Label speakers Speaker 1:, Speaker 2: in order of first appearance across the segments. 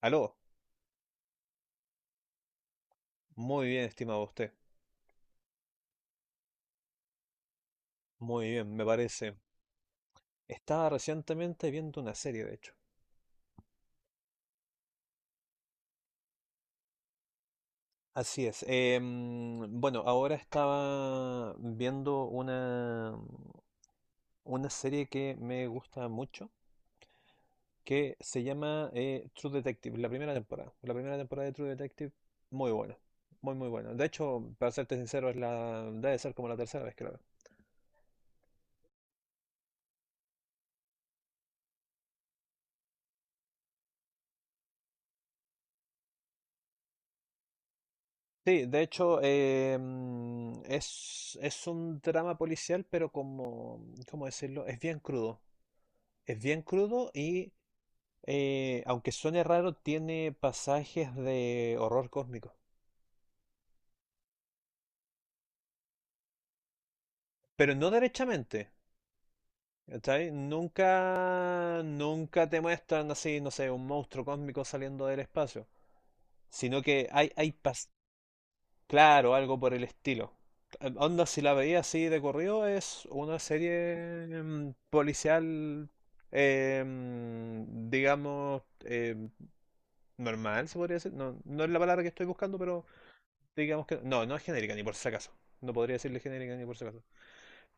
Speaker 1: Aló, muy bien, estimado usted. Muy bien, me parece. Estaba recientemente viendo una serie, de hecho. Así es. Bueno, ahora estaba viendo una serie que me gusta mucho, que se llama True Detective, la primera temporada. La primera temporada de True Detective, muy buena. Muy, muy buena. De hecho, para serte sincero, debe ser como la tercera vez que la veo. Sí, de hecho, es un drama policial, pero como, ¿cómo decirlo? Es bien crudo. Es bien crudo y, aunque suene raro, tiene pasajes de horror cósmico. Pero no derechamente, ¿cachai? Nunca, nunca te muestran así, no sé, un monstruo cósmico saliendo del espacio. Sino que hay. Claro, algo por el estilo. Onda, si la veía así de corrido, es una serie policial, digamos, normal, se podría decir. No, no es la palabra que estoy buscando, pero digamos que, no, no es genérica, ni por si acaso. No podría decirle genérica ni por si acaso.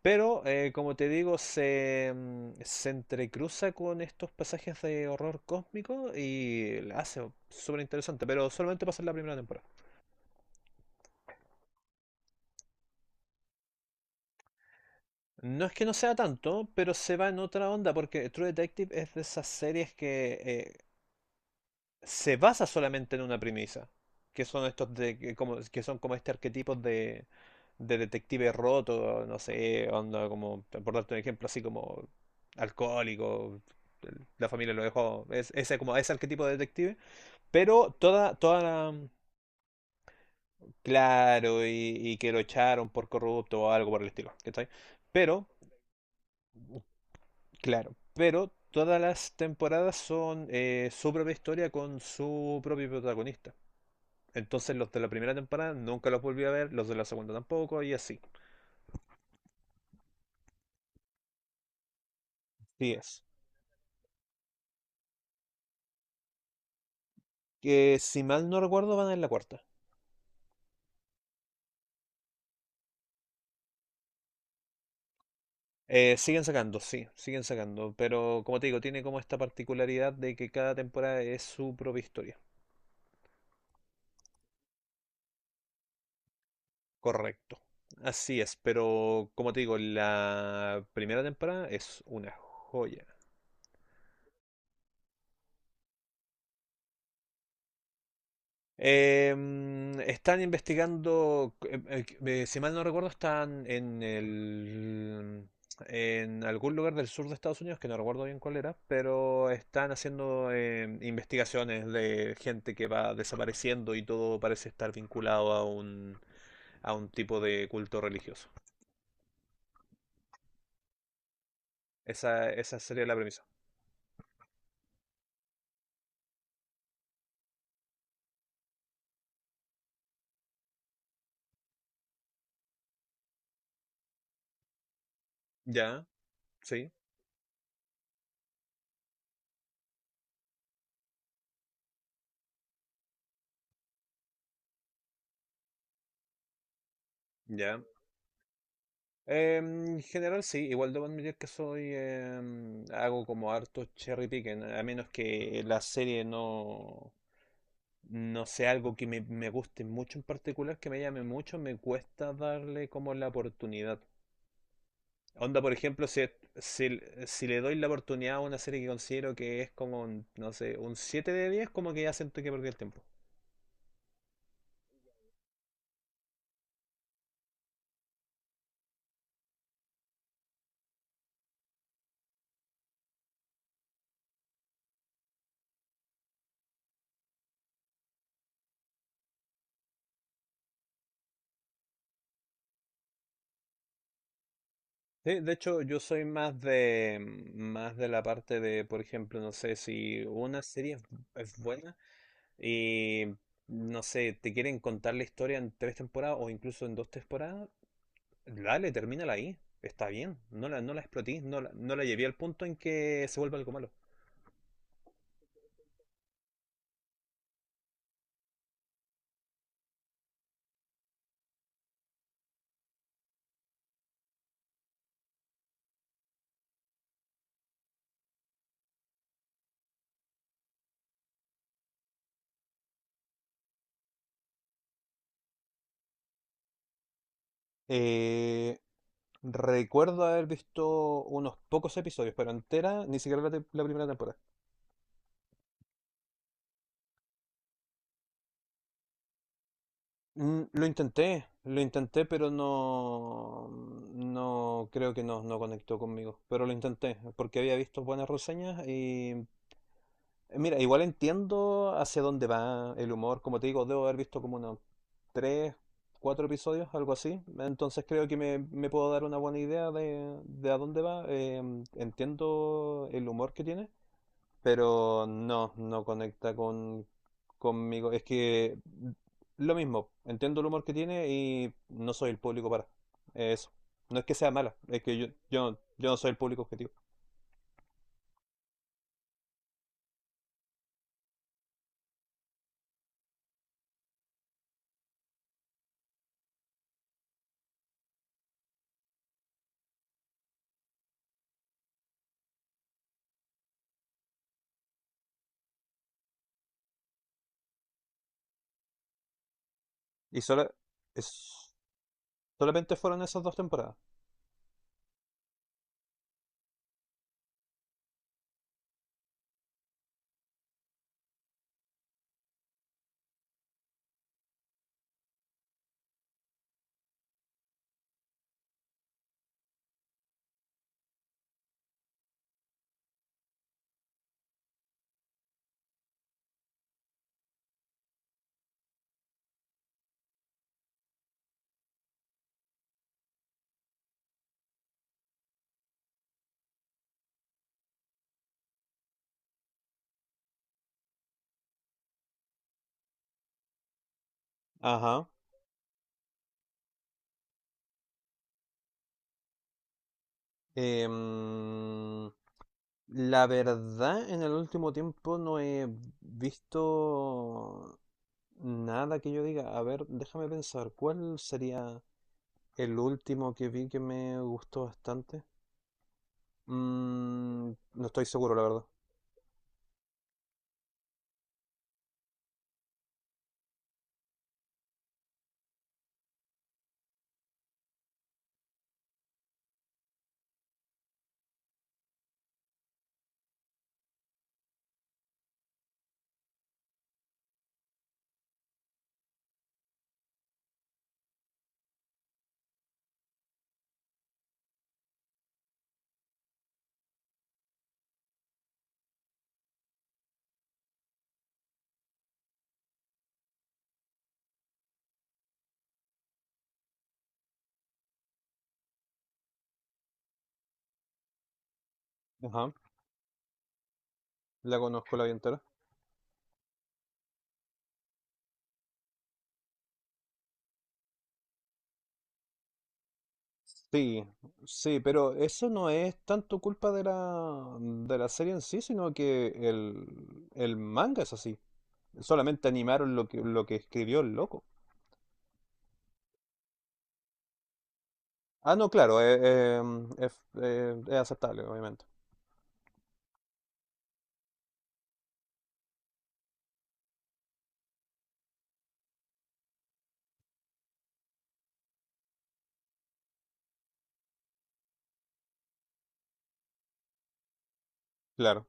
Speaker 1: Pero, como te digo, se entrecruza con estos pasajes de horror cósmico y la hace súper interesante, pero solamente pasa en la primera temporada. No es que no sea tanto, pero se va en otra onda, porque True Detective es de esas series que se basa solamente en una premisa, que son estos de, que, como, que son como este arquetipo de, detective roto, no sé, onda como, por darte un ejemplo, así como alcohólico, la familia lo dejó, ese como ese arquetipo de detective. pero toda, toda la- claro, y que lo echaron por corrupto o algo por el estilo, ¿cachai? Pero Claro, pero todas las temporadas son su propia historia con su propio protagonista. Entonces los de la primera temporada nunca los volví a ver, los de la segunda tampoco, y así. Sí es. Que si mal no recuerdo van en la cuarta. Siguen sacando, sí, siguen sacando, pero como te digo, tiene como esta particularidad de que cada temporada es su propia historia. Correcto. Así es, pero como te digo, la primera temporada es una joya. Están investigando, si mal no recuerdo, en algún lugar del sur de Estados Unidos, que no recuerdo bien cuál era, pero están haciendo investigaciones de gente que va desapareciendo y todo parece estar vinculado a un tipo de culto religioso. Esa sería la premisa. Ya, sí, ya. En general sí, igual debo admitir que soy hago como harto cherry picking, a menos que la serie no sea algo que me guste mucho en particular, que me llame mucho, me cuesta darle como la oportunidad. Onda, por ejemplo, si, si le doy la oportunidad a una serie que considero que es como, un, no sé, un 7 de 10, como que ya siento que perdí el tiempo. Sí, de hecho, yo soy más de la parte de, por ejemplo, no sé si una serie es buena, y no sé, te quieren contar la historia en tres temporadas o incluso en dos temporadas, dale, termínala ahí. Está bien. No la exploté, no la llevé al punto en que se vuelva algo malo. Eh, Recuerdo haber visto unos pocos episodios, pero entera, ni siquiera la primera temporada. Lo intenté, pero no, no creo que no conectó conmigo. Pero lo intenté, porque había visto buenas reseñas y mira, igual entiendo hacia dónde va el humor. Como te digo, debo haber visto como unos tres, cuatro episodios, algo así. Entonces creo que me puedo dar una buena idea de a dónde va. Entiendo el humor que tiene, pero no conecta conmigo. Es que lo mismo, entiendo el humor que tiene y no soy el público para eso. No es que sea mala, es que yo no soy el público objetivo. Y es- solamente fueron esas dos temporadas. Ajá. Em, la verdad, en el último tiempo no he visto nada que yo diga. A ver, déjame pensar, ¿cuál sería? El último que vi que me gustó bastante. No estoy seguro, la verdad. Ajá. La conozco, la vi entera. Sí, sí, pero eso no es tanto culpa de la serie en sí, sino que el manga es así. Solamente animaron lo que escribió el loco. Ah, no, claro, es aceptable, obviamente. Claro.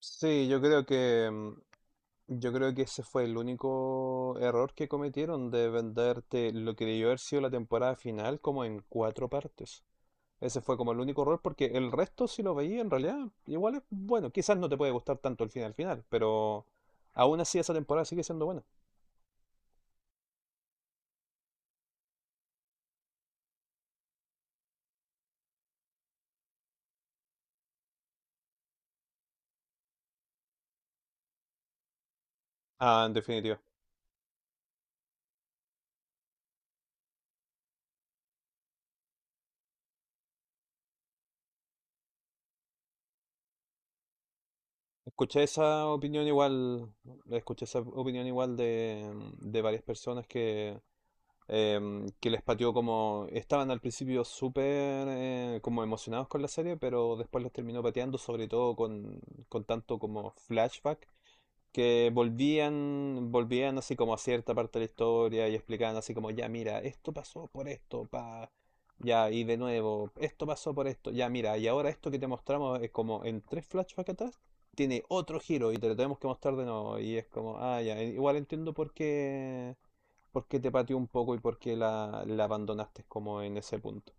Speaker 1: Sí, yo creo que ese fue el único error que cometieron de venderte lo que debió haber sido la temporada final como en cuatro partes. Ese fue como el único error porque el resto, si lo veía en realidad, igual es bueno. Quizás no te puede gustar tanto el final final, pero aún así esa temporada sigue siendo buena. Ah, en definitiva. Escuché esa opinión igual, escuché esa opinión igual de varias personas que, que les pateó como... Estaban al principio súper como emocionados con la serie, pero después los terminó pateando, sobre todo con tanto como flashback, que volvían así como a cierta parte de la historia y explicaban así como, ya mira, esto pasó por esto. Ya, y de nuevo, esto pasó por esto, ya mira, y ahora esto que te mostramos es como en tres flashbacks atrás, tiene otro giro y te lo tenemos que mostrar de nuevo. Y es como, ah, ya, igual entiendo por qué. ¿Por qué te pateó un poco y por qué la abandonaste como en ese punto?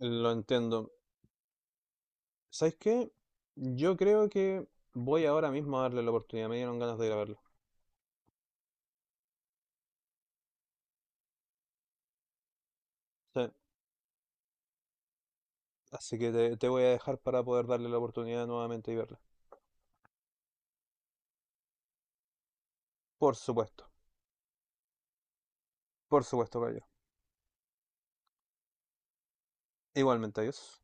Speaker 1: Lo entiendo. ¿Sabes qué? Yo creo que voy ahora mismo a darle la oportunidad. Me dieron ganas de grabarlo. Sí. Así que te voy a dejar para poder darle la oportunidad nuevamente y verla. Por supuesto. Por supuesto, Cayo. Igualmente, adiós.